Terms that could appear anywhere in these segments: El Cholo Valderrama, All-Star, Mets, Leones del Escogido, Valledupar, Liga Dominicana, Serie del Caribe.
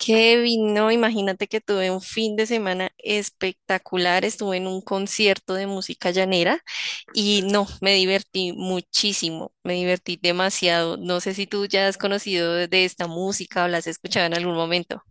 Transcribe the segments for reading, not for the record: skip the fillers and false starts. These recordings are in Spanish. Kevin, no, imagínate que tuve un fin de semana espectacular, estuve en un concierto de música llanera y no, me divertí muchísimo, me divertí demasiado. No sé si tú ya has conocido de esta música o la has escuchado en algún momento.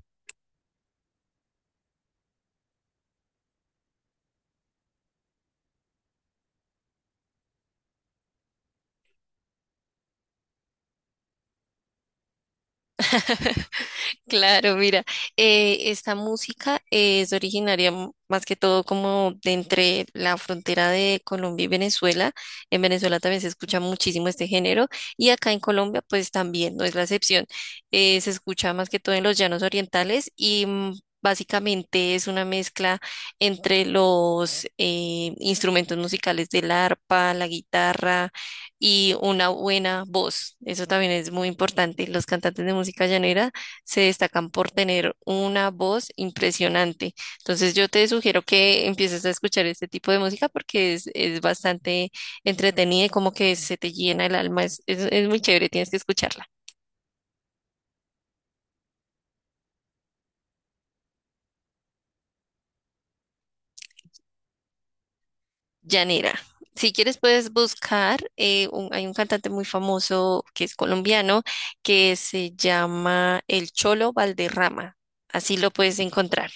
Claro, mira, esta música es originaria más que todo como de entre la frontera de Colombia y Venezuela. En Venezuela también se escucha muchísimo este género y acá en Colombia pues también, no es la excepción. Se escucha más que todo en los llanos orientales básicamente es una mezcla entre los instrumentos musicales del arpa, la guitarra y una buena voz. Eso también es muy importante. Los cantantes de música llanera se destacan por tener una voz impresionante. Entonces yo te sugiero que empieces a escuchar este tipo de música porque es bastante entretenida y como que se te llena el alma. Es muy chévere, tienes que escucharla. Llanera. Si quieres puedes buscar, hay un cantante muy famoso que es colombiano que se llama El Cholo Valderrama. Así lo puedes encontrar.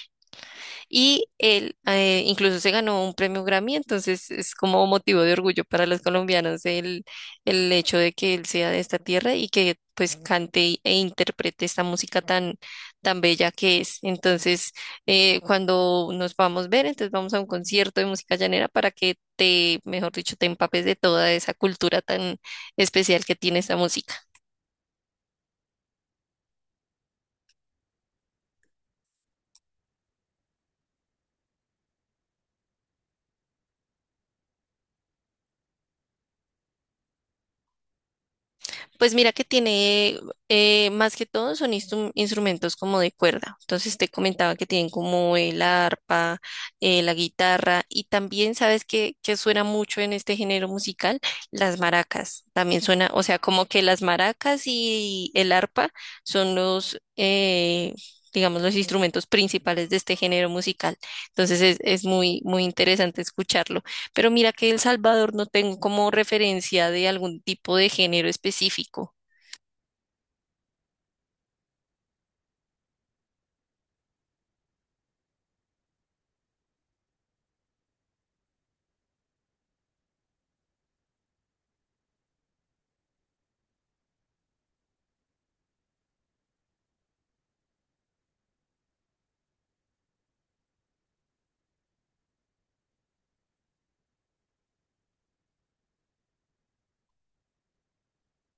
Y él incluso se ganó un premio Grammy, entonces es como motivo de orgullo para los colombianos el hecho de que él sea de esta tierra y que pues cante e interprete esta música tan, tan bella que es. Entonces, cuando nos vamos a ver, entonces vamos a un concierto de música llanera para que te, mejor dicho, te empapes de toda esa cultura tan especial que tiene esta música. Pues mira que tiene, más que todo son instrumentos como de cuerda. Entonces te comentaba que tienen como el arpa, la guitarra y también sabes que suena mucho en este género musical, las maracas. También suena, o sea, como que las maracas y el arpa son los, digamos, los instrumentos principales de este género musical. Entonces es muy, muy interesante escucharlo. Pero mira que El Salvador no tengo como referencia de algún tipo de género específico.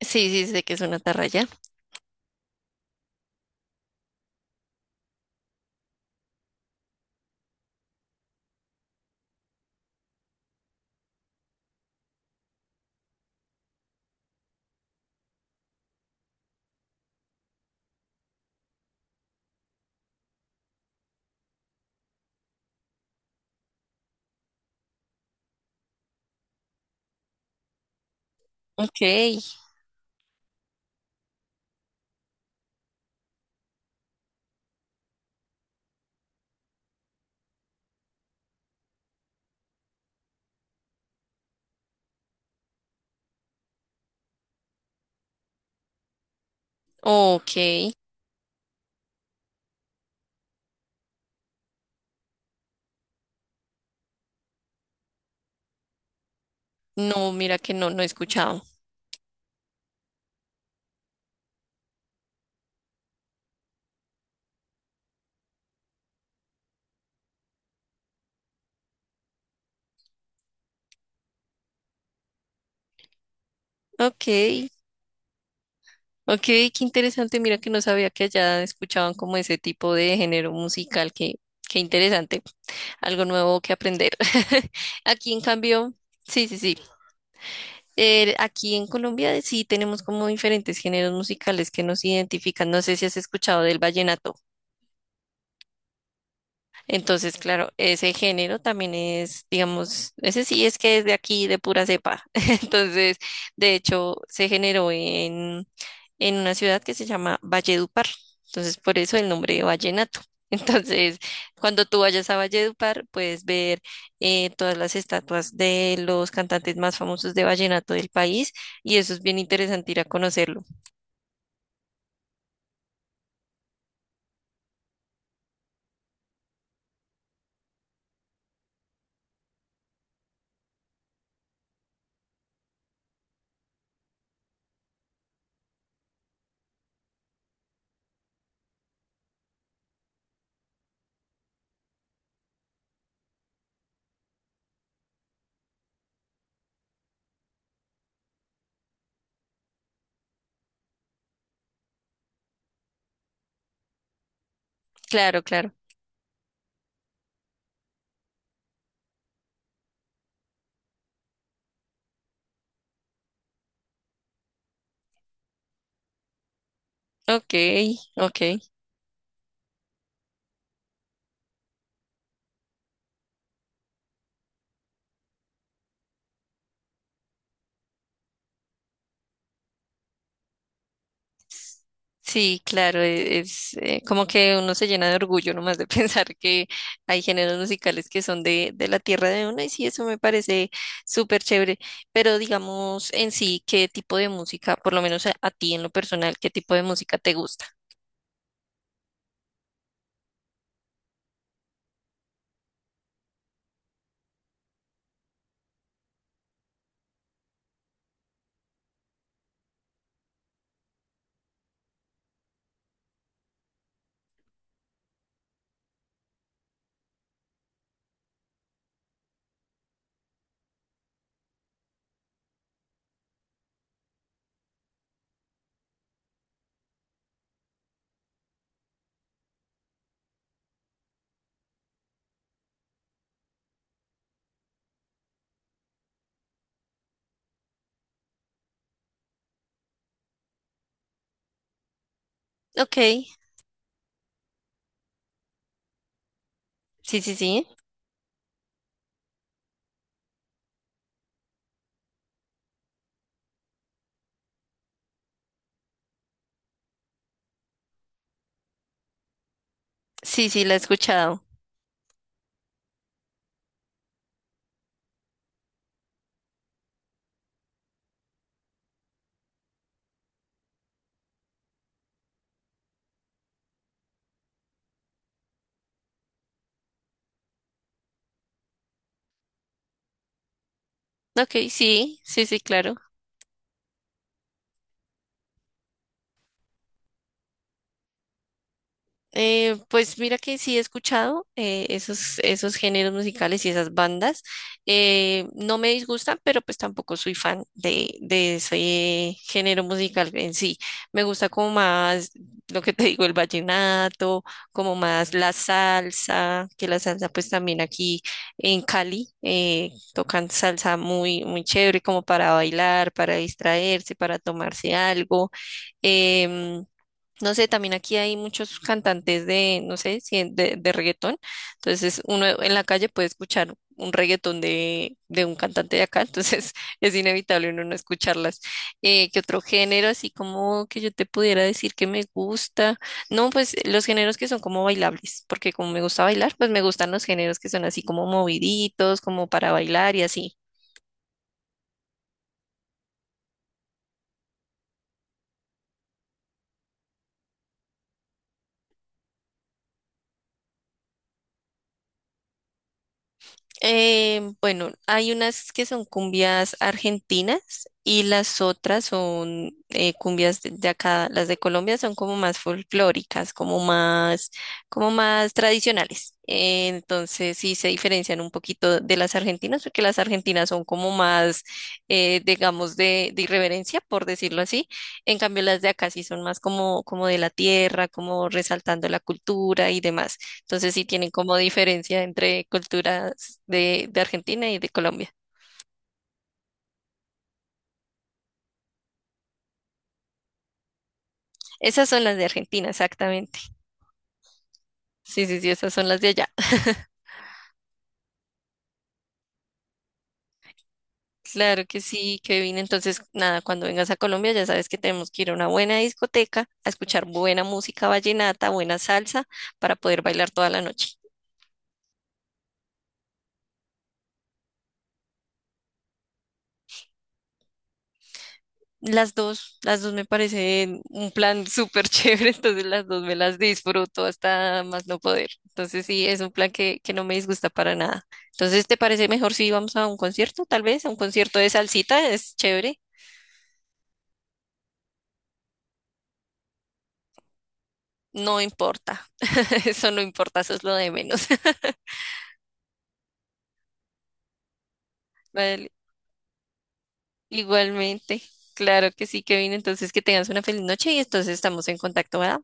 Sí, sí, sé que es una atarraya. Ok, ok. No, mira que no, no he escuchado. Ok, ok, qué interesante. Mira que no sabía que allá escuchaban como ese tipo de género musical. Qué, qué interesante. Algo nuevo que aprender. Aquí en cambio, sí, sí, sí. Aquí en Colombia sí tenemos como diferentes géneros musicales que nos identifican. No sé si has escuchado del vallenato. Entonces, claro, ese género también es, digamos, ese sí es que es de aquí, de pura cepa. Entonces, de hecho, se generó en una ciudad que se llama Valledupar. Entonces, por eso el nombre de vallenato. Entonces, cuando tú vayas a Valledupar, puedes ver todas las estatuas de los cantantes más famosos de vallenato del país y eso es bien interesante ir a conocerlo. Claro, claro. Ok, ok. Sí, claro, es, como que uno se llena de orgullo nomás de pensar que hay géneros musicales que son de la tierra de uno y sí, eso me parece súper chévere, pero digamos en sí, ¿qué tipo de música, por lo menos a ti en lo personal, qué tipo de música te gusta? Ok, sí, sí, sí, sí, sí, la he escuchado. Ok, sí, sí, sí, claro. Pues mira que sí he escuchado esos, esos géneros musicales y esas bandas. No me disgustan, pero pues tampoco soy fan de ese género musical en sí. Me gusta como más lo que te digo, el vallenato, como más la salsa, que la salsa pues también aquí en Cali tocan salsa muy, muy chévere como para bailar, para distraerse, para tomarse algo. Em, no sé, también aquí hay muchos cantantes de, no sé, si en- de reggaetón. Entonces, uno en la calle puede escuchar un reggaetón de un cantante de acá. Entonces, es inevitable uno no escucharlas. ¿Qué otro género? Así como que yo te pudiera decir que me gusta. No, pues los géneros que son como bailables, porque como me gusta bailar, pues me gustan los géneros que son así como moviditos, como para bailar y así. Bueno, hay unas que son cumbias argentinas y las otras son cumbias de acá. Las de Colombia son como más folclóricas, como más tradicionales. Entonces sí se diferencian un poquito de las argentinas porque las argentinas son como más, digamos, de irreverencia, por decirlo así. En cambio, las de acá sí son más como, como de la tierra, como resaltando la cultura y demás. Entonces sí tienen como diferencia entre culturas de Argentina y de Colombia. Esas son las de Argentina, exactamente. Sí, sí, sí, esas son las de allá. Claro que sí, Kevin. Entonces, nada, cuando vengas a Colombia ya sabes que tenemos que ir a una buena discoteca a escuchar buena música vallenata, buena salsa para poder bailar toda la noche. Las dos me parecen un plan súper chévere, entonces las dos me las disfruto hasta más no poder. Entonces sí, es un plan que no me disgusta para nada. Entonces, ¿te parece mejor si vamos a un concierto, tal vez? A un concierto de salsita, es chévere. No importa, eso no importa, eso es lo de menos. Vale, igualmente, claro que sí, Kevin. Entonces, que tengas una feliz noche y entonces estamos en contacto, ¿verdad?